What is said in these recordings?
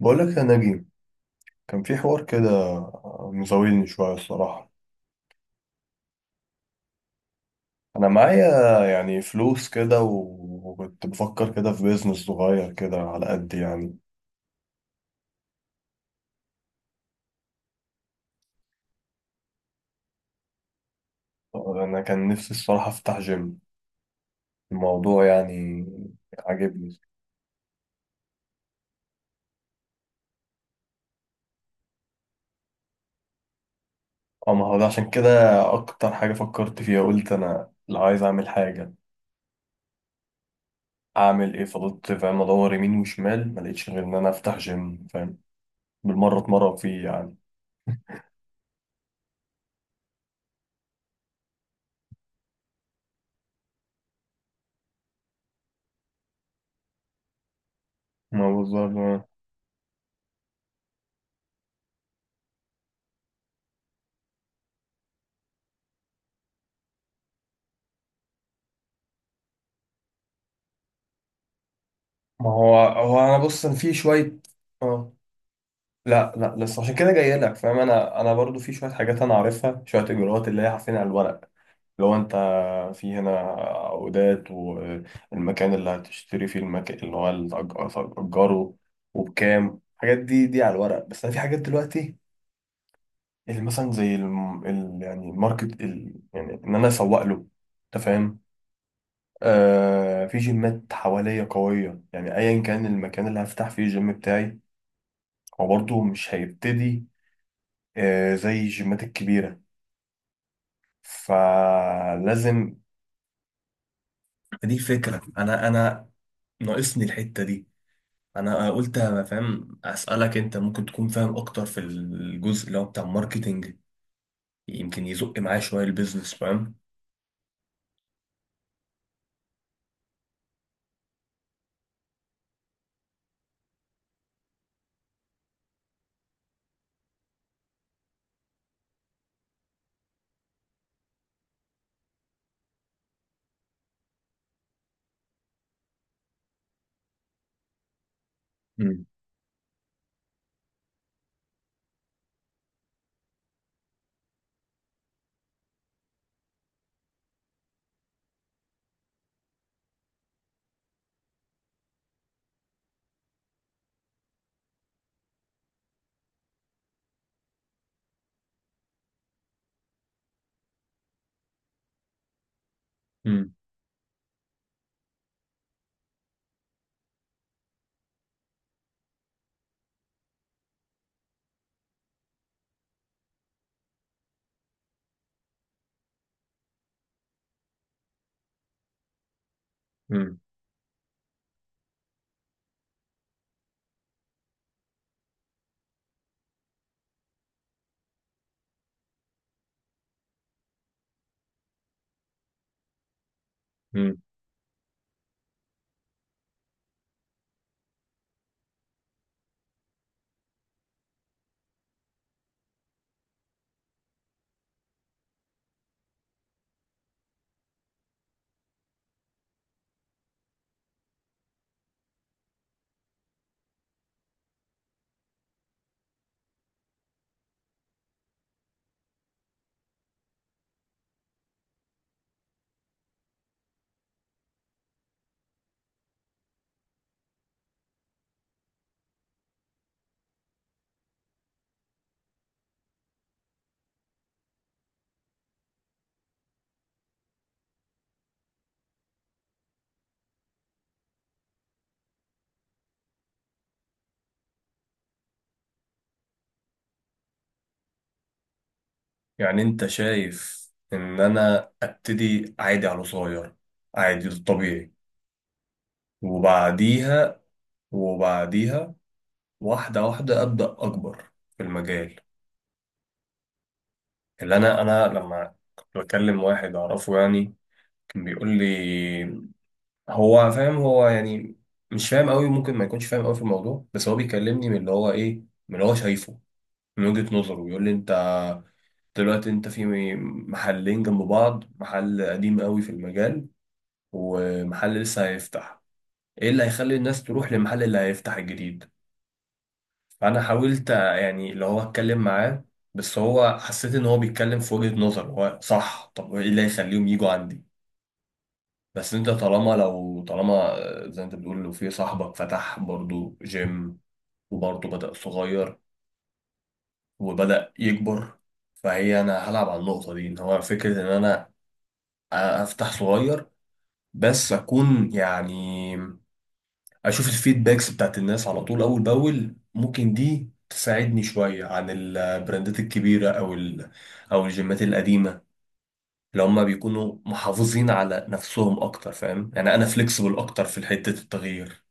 بقول لك يا نجيب، كان في حوار كده مزاولني شوية الصراحة. أنا معايا يعني فلوس كده و- وكنت بفكر كده في بيزنس صغير كده على قد يعني. أنا كان نفسي الصراحة أفتح جيم. الموضوع يعني عاجبني. أه، ما هو ده عشان كده أكتر حاجة فكرت فيها. قلت أنا لو عايز أعمل حاجة أعمل إيه؟ فضلت فاهم أدور يمين وشمال ما لقيتش غير إن أنا أفتح جيم، فاهم؟ بالمرة أتمرن فيه يعني. ما بالظبط. ما هو هو انا بص، أنا في شويه. اه. لا لا لسه، عشان كده جاي لك، فاهم؟ انا برضو في شويه حاجات انا عارفها، شويه اجراءات اللي هي عارفين، على الورق. لو انت في هنا عقودات والمكان اللي هتشتري فيه، المكان اللي هو اللي هتأجره وبكام، الحاجات دي دي على الورق. بس انا في حاجات دلوقتي اللي مثلا زي يعني الماركت يعني ان انا اسوق له، انت فاهم؟ آه، في جيمات حواليا قويه، يعني ايا كان المكان اللي هفتح فيه الجيم بتاعي هو برضه مش هيبتدي زي الجيمات الكبيرة، فلازم. دي فكرة، أنا ناقصني الحتة دي. أنا قلت أنا فاهم أسألك، أنت ممكن تكون فاهم أكتر في الجزء اللي هو بتاع الماركتينج، يمكن يزق معايا شوية البيزنس، فاهم؟ مم. مم. مم. مم. يعني أنت شايف إن أنا أبتدي عادي على صغير، عادي الطبيعي، وبعديها وبعديها واحدة واحدة أبدأ أكبر في المجال. اللي انا، لما كنت بكلم واحد اعرفه يعني، كان بيقول لي، هو فاهم هو يعني مش فاهم قوي، ممكن ما يكونش فاهم قوي في الموضوع، بس هو بيكلمني من اللي هو ايه، من اللي هو شايفه، من وجهة نظره. بيقول لي انت دلوقتي انت في محلين جنب بعض، محل قديم قوي في المجال ومحل لسه هيفتح، ايه اللي هيخلي الناس تروح للمحل اللي هيفتح الجديد؟ فانا حاولت يعني اللي هو اتكلم معاه، بس هو حسيت ان هو بيتكلم في وجهة نظر هو صح، طب ايه اللي هيخليهم يجوا عندي؟ بس انت طالما، لو طالما، زي انت بتقول لو في صاحبك فتح برضو جيم وبرضو بدأ صغير وبدأ يكبر، فهي انا هلعب على النقطة دي، ان هو فكرة ان انا افتح صغير بس اكون يعني اشوف الفيدباكس بتاعت الناس على طول اول باول، ممكن دي تساعدني شوية عن البراندات الكبيرة او او الجيمات القديمة اللي هم بيكونوا محافظين على نفسهم اكتر، فاهم؟ يعني انا فليكسبل اكتر في حتة التغيير.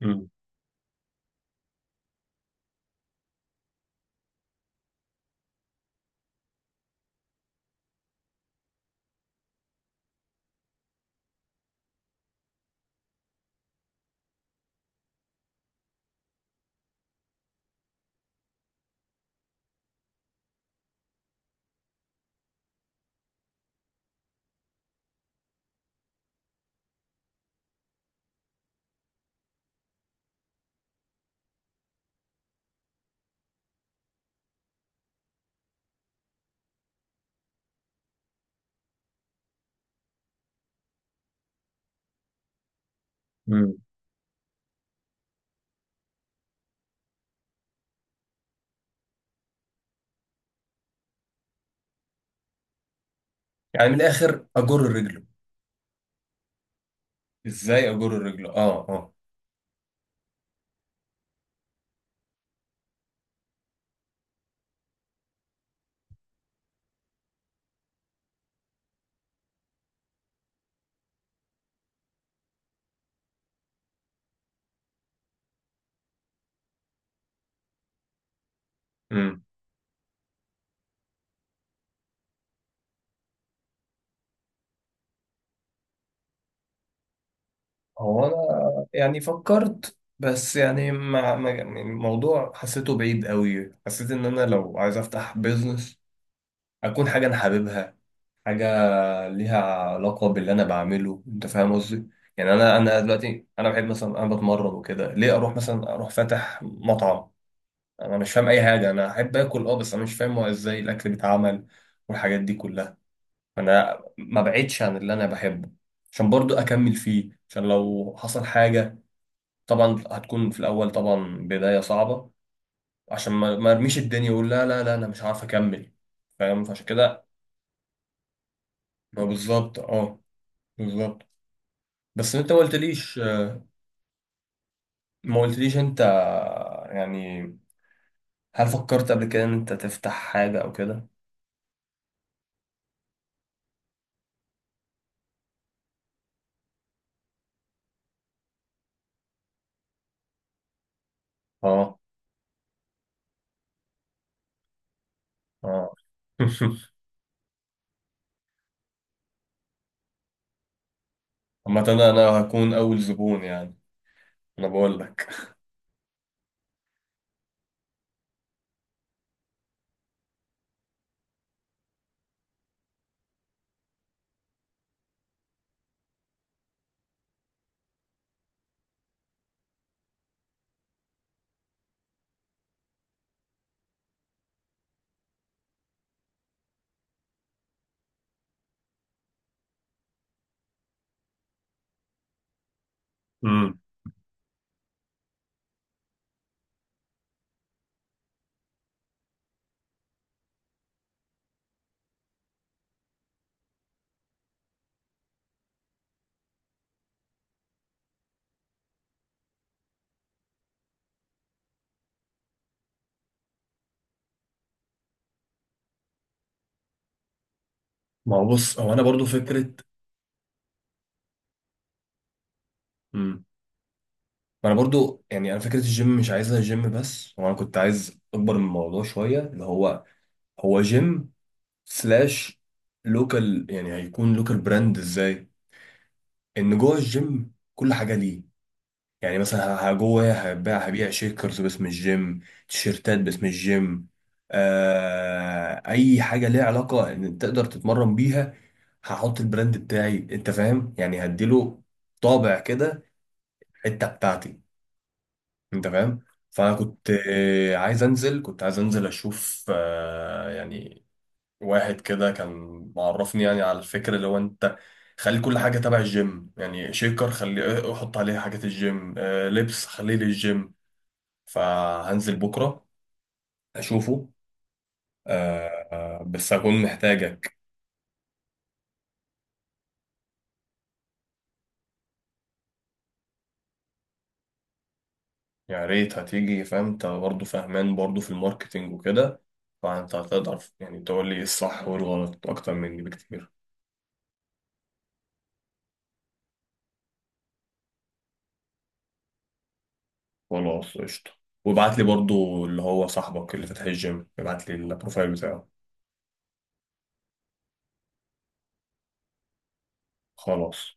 مم. مم. يعني من الاخر اجر رجله. ازاي اجر رجله؟ اه اه. مم. هو انا يعني فكرت، بس يعني يعني الموضوع حسيته بعيد قوي، حسيت ان انا لو عايز افتح بيزنس اكون حاجه انا حاببها، حاجه ليها علاقه باللي انا بعمله، انت فاهم قصدي؟ يعني انا دلوقتي انا بحب مثلا، انا بتمرن وكده، ليه اروح مثلا اروح فاتح مطعم؟ انا مش فاهم اي حاجه. انا احب اكل اه، بس انا مش فاهم هو ازاي الاكل بيتعمل والحاجات دي كلها. انا ما بعدش عن اللي انا بحبه عشان برضو اكمل فيه، عشان لو حصل حاجة، طبعا هتكون في الاول طبعا بداية صعبة، عشان ما ارميش الدنيا واقول لا لا لا انا مش عارف اكمل، فاهم؟ فعشان كده ما بالظبط اه، بالظبط. بس انت ما قلتليش، ما قلتليش انت يعني، هل فكرت قبل كده ان انت تفتح حاجة او كده؟ اه اه. عامة أنا هكون اول زبون يعني، انا بقول لك. امم، ما هو بص، هو انا برضو فكرة. مم. ما انا برضو يعني انا فكره الجيم مش عايزها جيم بس، وانا كنت عايز اكبر من الموضوع شويه، اللي هو هو جيم سلاش لوكال، يعني هيكون لوكال براند ازاي؟ ان جوه الجيم كل حاجه ليه، يعني مثلا جوه هبيع شيكرز باسم الجيم، تيشيرتات باسم الجيم، آه، اي حاجه ليها علاقه ان تقدر تتمرن بيها. هحط البراند بتاعي، انت فاهم يعني؟ هديله طابع كده، حته بتاعتي، انت فاهم؟ فانا كنت عايز انزل، كنت عايز انزل اشوف، يعني واحد كده كان معرفني يعني على الفكره، اللي هو انت خلي كل حاجه تبع الجيم، يعني شيكر خلي احط عليه حاجات الجيم، لبس خليه للجيم. فهنزل بكره اشوفه، بس هكون محتاجك. يا ريت هتيجي، فاهم؟ انت برضه فاهمان برضه في الماركتينج وكده، فانت هتقدر يعني تقول لي إيه الصح والغلط اكتر مني بكتير. خلاص قشطة، وابعت لي برضو اللي هو صاحبك اللي فاتح الجيم، ابعت لي البروفايل بتاعه. خلاص.